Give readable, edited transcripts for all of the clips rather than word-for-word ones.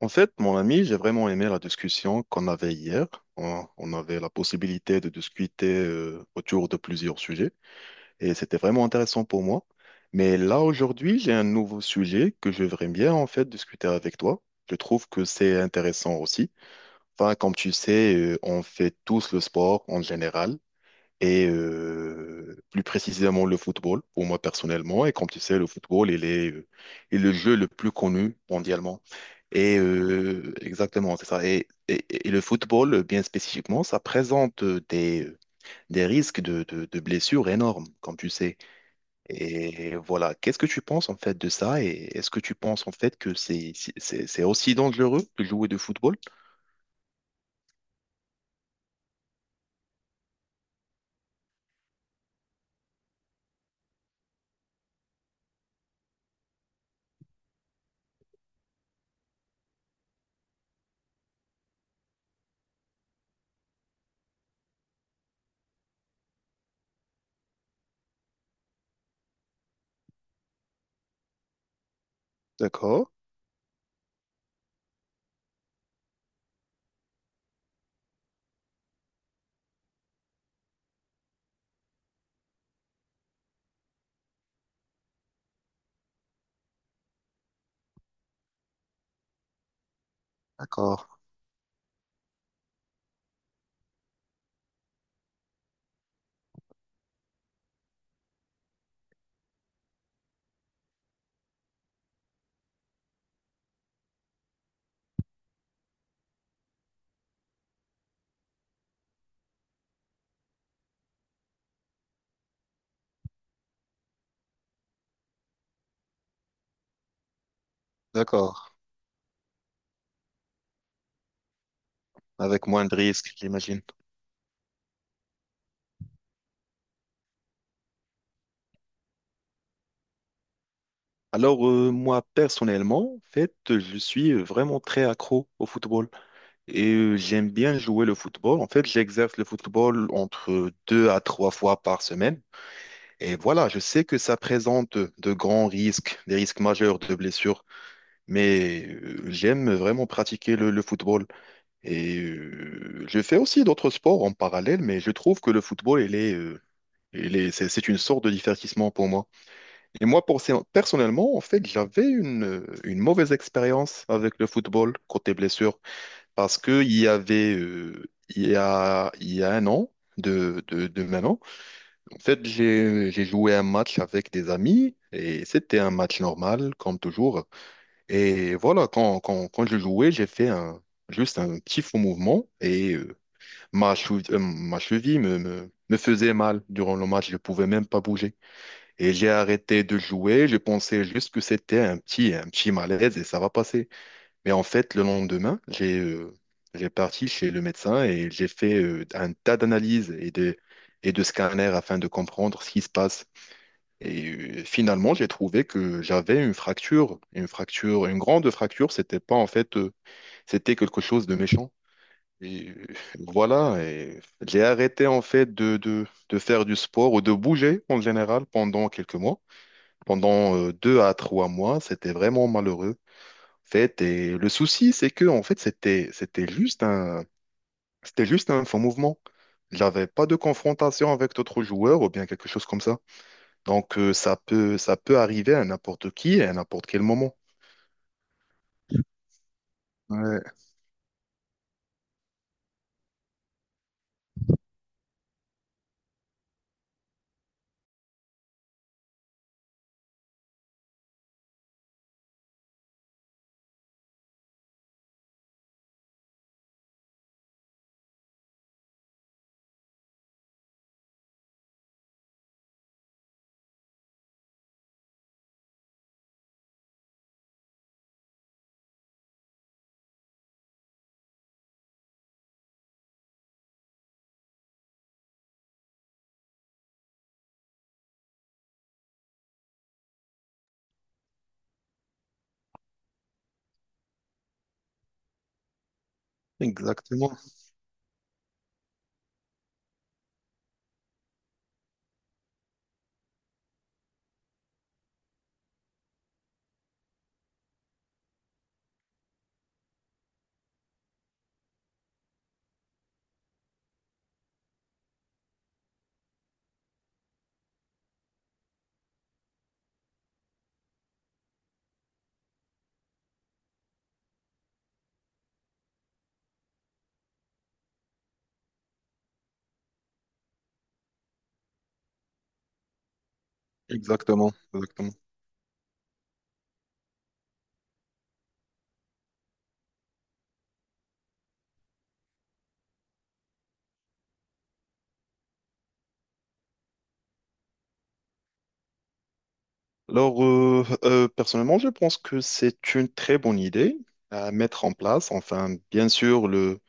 En fait, mon ami, j'ai vraiment aimé la discussion qu'on avait hier. On avait la possibilité de discuter autour de plusieurs sujets et c'était vraiment intéressant pour moi. Mais là, aujourd'hui, j'ai un nouveau sujet que je voudrais bien en fait discuter avec toi. Je trouve que c'est intéressant aussi. Enfin, comme tu sais, on fait tous le sport en général et plus précisément le football pour moi personnellement. Et comme tu sais, le football, est le jeu le plus connu mondialement. Exactement, c'est ça. Et le football, bien spécifiquement, ça présente des risques de blessures énormes, comme tu sais. Et voilà, qu'est-ce que tu penses en fait de ça? Et est-ce que tu penses en fait que c'est aussi dangereux de jouer de football? D'accord, d'accord, d'accord. Avec moins de risques, j'imagine. Alors, moi, personnellement, en fait, je suis vraiment très accro au football. Et j'aime bien jouer le football. En fait, j'exerce le football entre deux à trois fois par semaine. Et voilà, je sais que ça présente de grands risques, des risques majeurs de blessures, mais j'aime vraiment pratiquer le football. Et je fais aussi d'autres sports en parallèle, mais je trouve que le football, c'est une sorte de divertissement pour moi. Et moi, pour, personnellement, en fait, j'avais une mauvaise expérience avec le football côté blessure parce qu'il y avait, il y a un an, de maintenant, en fait, j'ai joué un match avec des amis et c'était un match normal, comme toujours. Et voilà, quand je jouais, juste un petit faux mouvement et ma cheville me faisait mal durant le match, je pouvais même pas bouger. Et j'ai arrêté de jouer, je pensais juste que c'était un petit malaise et ça va passer. Mais en fait, le lendemain, j'ai parti chez le médecin et j'ai fait un tas d'analyses et de scanners afin de comprendre ce qui se passe. Et finalement, j'ai trouvé que j'avais une grande fracture. C'était pas en fait, c'était quelque chose de méchant. Et euh, voilà, et j'ai arrêté en fait de faire du sport ou de bouger en général pendant quelques mois. Pendant deux à trois mois, c'était vraiment malheureux fait, et le souci, c'est que en fait, c'était juste un faux mouvement. Il n'avait pas de confrontation avec d'autres joueurs ou bien quelque chose comme ça. Donc ça peut arriver à n'importe qui et à n'importe quel moment. Ouais, exactement, exactement, exactement. Alors personnellement, je pense que c'est une très bonne idée à mettre en place. Enfin, bien sûr,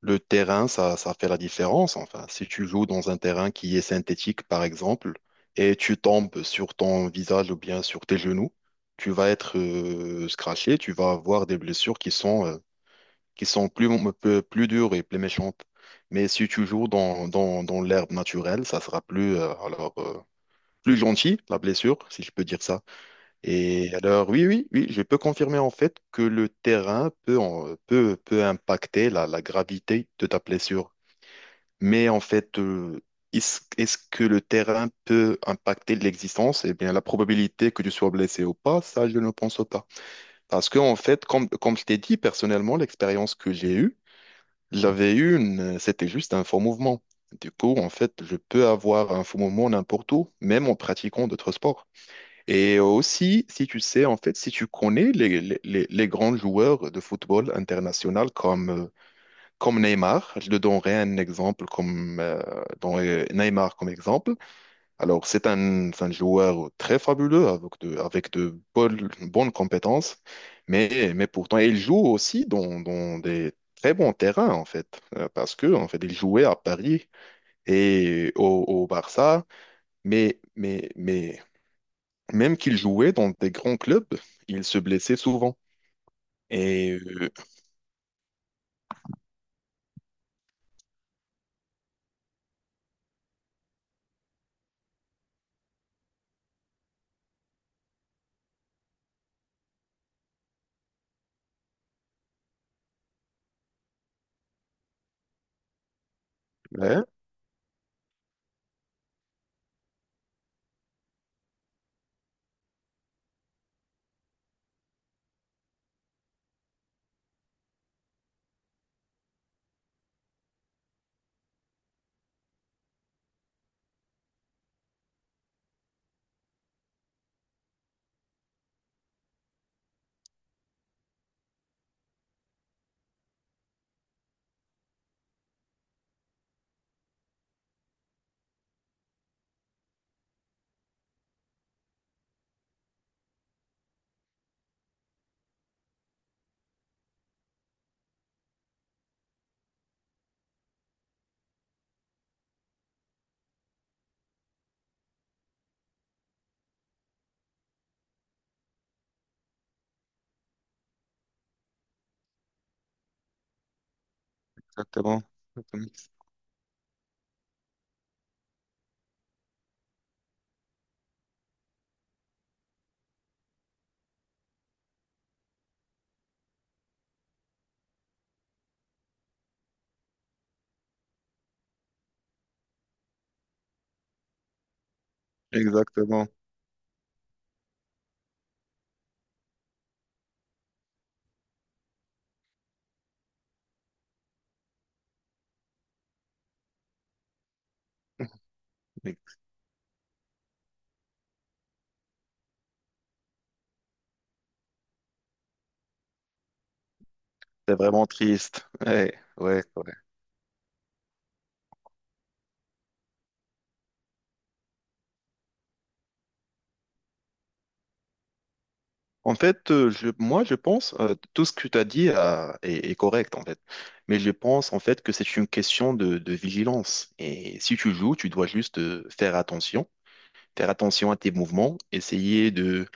le terrain, ça fait la différence. Enfin, si tu joues dans un terrain qui est synthétique, par exemple, et tu tombes sur ton visage ou bien sur tes genoux, tu vas être scratché, tu vas avoir des blessures qui sont plus, peu- plus dures et plus méchantes. Mais si tu joues dans l'herbe naturelle, ça sera plus, plus gentil, la blessure, si je peux dire ça. Et alors, oui, oui, oui, je peux confirmer en fait que le terrain peut impacter la gravité de ta blessure. Mais en fait, est-ce que le terrain peut impacter l'existence? Eh bien, la probabilité que tu sois blessé ou pas, ça, je ne pense pas. Parce que, en fait, comme je t'ai dit, personnellement, l'expérience que j'ai eue, j'avais eu une, c'était juste un faux mouvement. Du coup, en fait, je peux avoir un faux mouvement n'importe où, même en pratiquant d'autres sports. Et aussi, si tu sais, en fait, si tu connais les grands joueurs de football international comme Neymar, je le donnerai un exemple Neymar comme exemple. Alors, c'est un joueur très fabuleux avec de bonnes compétences, mais pourtant, il joue aussi dans des très bons terrains, en fait, parce que, en fait, il jouait à Paris et au Barça, mais même qu'il jouait dans des grands clubs, il se blessait souvent. Et, euh, ouais, exactement. Exactement. Exactement. C'est vraiment triste. Ouais, ouais, ouais. En fait, moi, je pense tout ce que tu as dit est correct, en fait. Mais je pense, en fait, que c'est une question de vigilance. Et si tu joues, tu dois juste faire attention à tes mouvements, essayer de,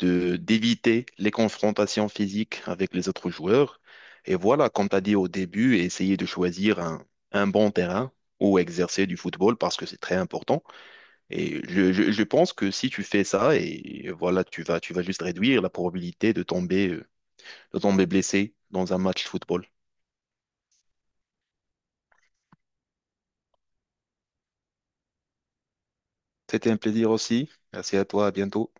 de, d'éviter les confrontations physiques avec les autres joueurs. Et voilà, comme tu as dit au début, essayer de choisir un bon terrain où exercer du football parce que c'est très important. Et je pense que si tu fais ça, et voilà, tu vas juste réduire la probabilité de tomber blessé dans un match football. C'était un plaisir aussi. Merci à toi, à bientôt.